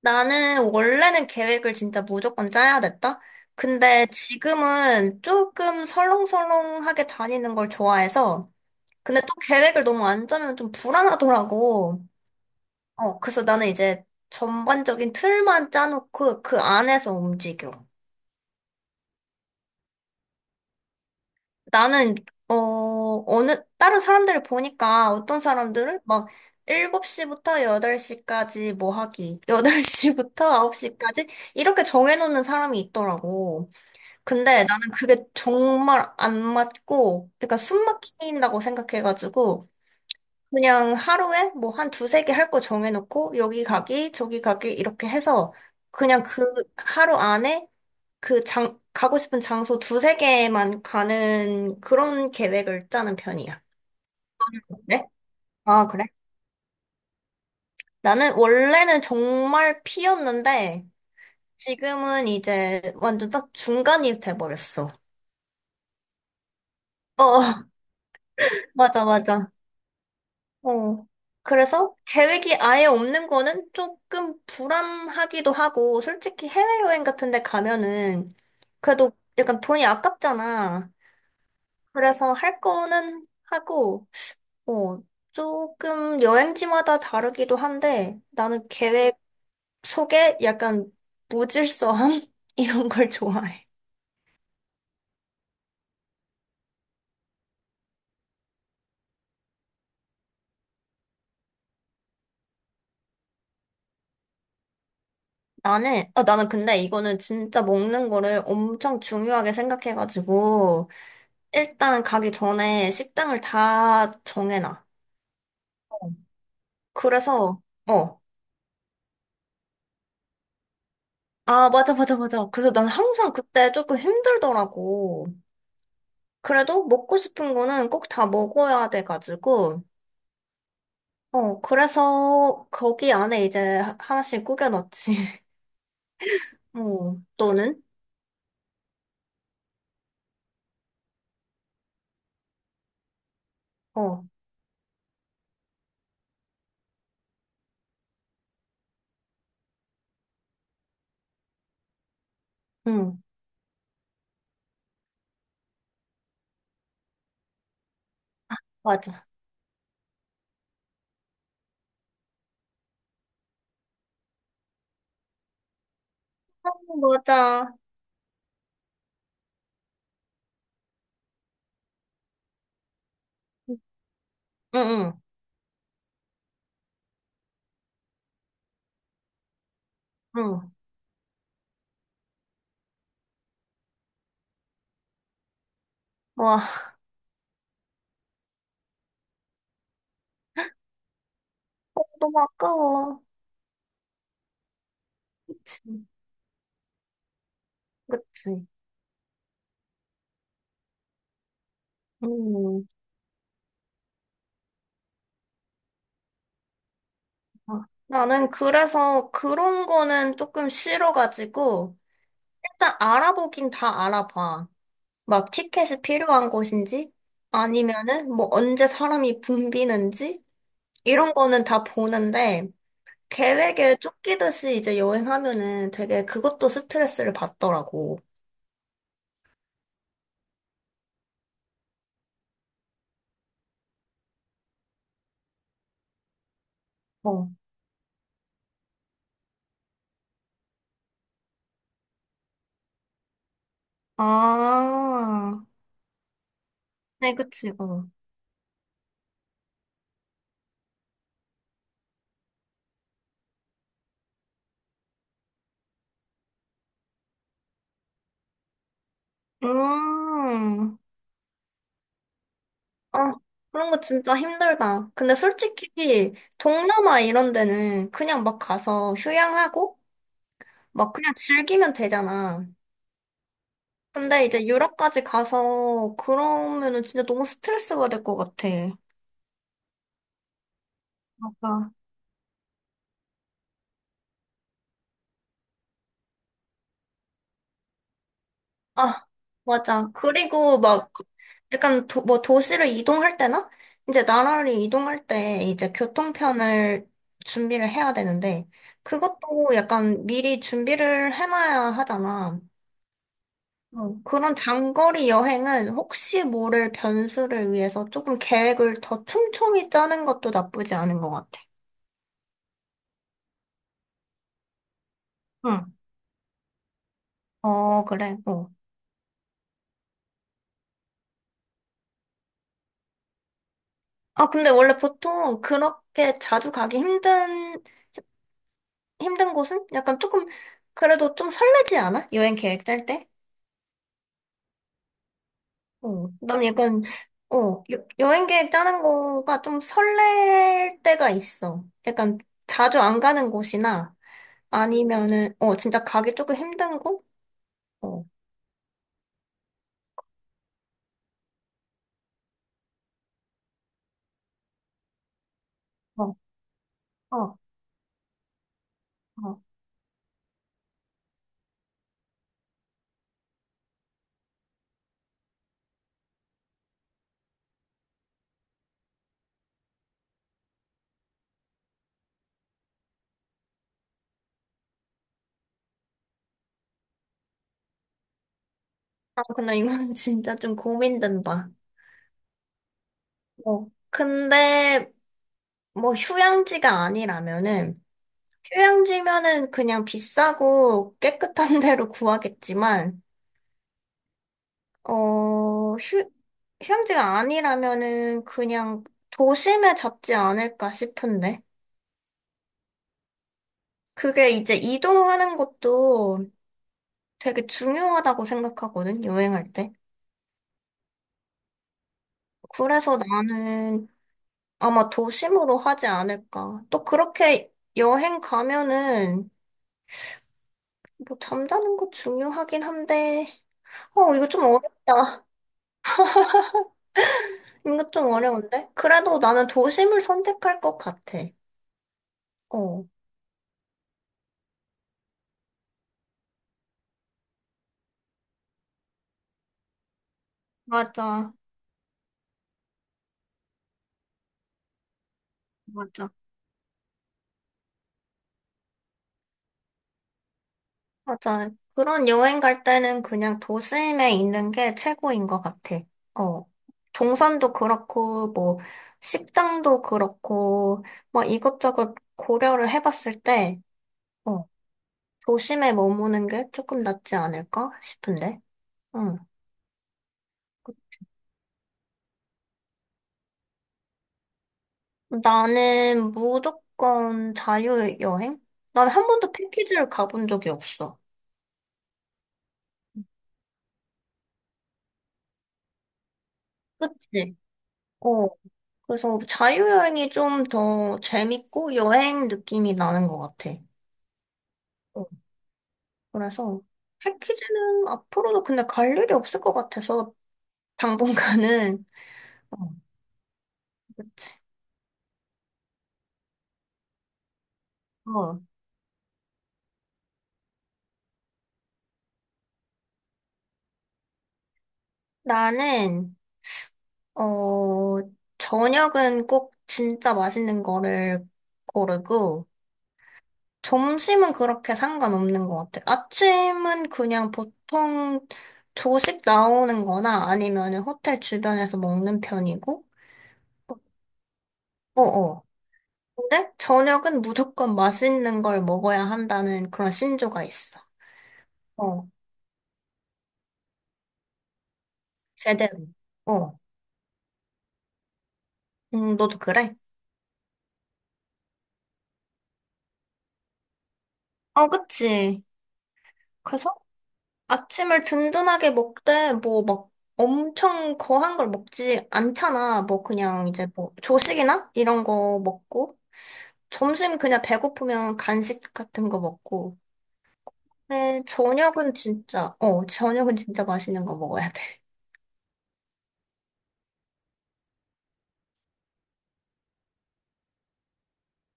나는 원래는 계획을 진짜 무조건 짜야 됐다. 근데 지금은 조금 설렁설렁하게 다니는 걸 좋아해서, 근데 또 계획을 너무 안 짜면 좀 불안하더라고. 그래서 나는 이제 전반적인 틀만 짜놓고 그 안에서 움직여. 나는, 어, 다른 사람들을 보니까 어떤 사람들은 막 7시부터 8시까지 뭐 하기, 8시부터 9시까지 이렇게 정해놓는 사람이 있더라고. 근데 나는 그게 정말 안 맞고, 그러니까 숨 막힌다고 생각해가지고, 그냥 하루에 뭐 한 두세 개 할 거 정해놓고, 여기 가기, 저기 가기, 이렇게 해서, 그냥 그 하루 안에 가고 싶은 장소 두세 개만 가는 그런 계획을 짜는 편이야. 네? 아, 그래? 나는 원래는 정말 P였는데, 지금은 이제 완전 딱 중간이 돼버렸어. 어, 맞아, 맞아. 어. 그래서 계획이 아예 없는 거는 조금 불안하기도 하고, 솔직히 해외여행 같은 데 가면은 그래도 약간 돈이 아깝잖아. 그래서 할 거는 하고, 어, 조금 여행지마다 다르기도 한데, 나는 계획 속에 약간 무질서함? 이런 걸 좋아해. 나는 근데 이거는 진짜 먹는 거를 엄청 중요하게 생각해가지고, 일단 가기 전에 식당을 다 정해놔. 그래서, 어. 아, 맞아, 맞아, 맞아. 그래서 난 항상 그때 조금 힘들더라고. 그래도 먹고 싶은 거는 꼭 다 먹어야 돼가지고, 그래서 거기 안에 이제 하나씩 꾸겨넣지. 또는? 어, 응, 맞아. 아, 맞아. 응, 응, 응. 와, 너무 아까워. 그치, 그치. 음. 어. 나는 그래서 그런 거는 조금 싫어가지고, 일단 알아보긴 다 알아봐. 막 티켓이 필요한 곳인지, 아니면은 뭐 언제 사람이 붐비는지, 이런 거는 다 보는데, 계획에 쫓기듯이 이제 여행하면은 되게 그것도 스트레스를 받더라고. 어. 아, 네, 그치, 어. 음. 아, 그런 거 진짜 힘들다. 근데 솔직히 동남아 이런 데는 그냥 막 가서 휴양하고 막 그냥 즐기면 되잖아. 근데 이제 유럽까지 가서 그러면은 진짜 너무 스트레스가 될 것 같아. 맞아. 아, 맞아. 그리고 막 약간 뭐 도시를 이동할 때나 이제 나라를 이동할 때 이제 교통편을 준비를 해야 되는데 그것도 약간 미리 준비를 해놔야 하잖아. 그런 장거리 여행은 혹시 모를 변수를 위해서 조금 계획을 더 촘촘히 짜는 것도 나쁘지 않은 것 같아. 응. 어, 그래. 어. 아, 근데 원래 보통 그렇게 자주 가기 힘든 곳은 약간 조금, 그래도 좀 설레지 않아? 여행 계획 짤 때? 어. 난 약간, 여행 계획 짜는 거가 좀 설렐 때가 있어. 약간 자주 안 가는 곳이나 아니면은, 진짜 가기 조금 힘든 곳? 어. 어, 어, 어, 아, 근데 이건 진짜 좀 고민된다. 어. 근데 뭐 휴양지가 아니라면은 휴양지면은 그냥 비싸고 깨끗한 데로 구하겠지만 어, 휴, 휴양지가 아니라면은 그냥 도심에 잡지 않을까 싶은데 그게 이제 이동하는 것도 되게 중요하다고 생각하거든, 여행할 때. 그래서 나는 아마 도심으로 하지 않을까. 또 그렇게 여행 가면은 뭐 잠자는 거 중요하긴 한데, 이거 좀 어렵다. 이거 좀 어려운데? 그래도 나는 도심을 선택할 것 같아. 어, 맞아. 맞아. 맞아. 그런 여행 갈 때는 그냥 도심에 있는 게 최고인 것 같아. 어. 동선도 그렇고, 뭐, 식당도 그렇고, 뭐 이것저것 고려를 해봤을 때, 어, 도심에 머무는 게 조금 낫지 않을까 싶은데. 응. 나는 무조건 자유여행? 난 한 번도 패키지를 가본 적이 없어. 그치? 어. 그래서 자유여행이 좀 더 재밌고 여행 느낌이 나는 것 같아. 어. 그래서 패키지는 앞으로도 근데 갈 일이 없을 것 같아서 당분간은. 어. 그치. 어. 나는 어, 저녁은 꼭 진짜 맛있는 거를 고르고, 점심은 그렇게 상관없는 것 같아요. 아침은 그냥 보통 조식 나오는 거나 아니면 호텔 주변에서 먹는 편이고, 어어. 근데 저녁은 무조건 맛있는 걸 먹어야 한다는 그런 신조가 있어. 어, 제대로. 어. 너도 그래? 어, 그치. 그래서 아침을 든든하게 먹되, 뭐, 막, 엄청 거한 걸 먹지 않잖아. 뭐, 그냥 이제 뭐, 조식이나? 이런 거 먹고. 점심 그냥 배고프면 간식 같은 거 먹고. 근데 저녁은 진짜 맛있는 거 먹어야 돼.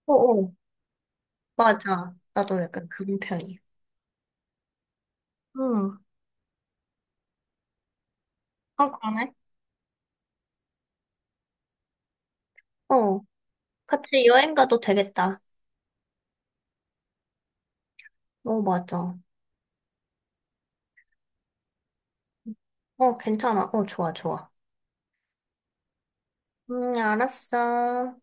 어어. 맞아. 나도 약간 그런 편이야. 응. 아, 그러네. 어. 같이 여행 가도 되겠다. 어, 맞아. 어, 괜찮아. 어, 좋아, 좋아. 알았어.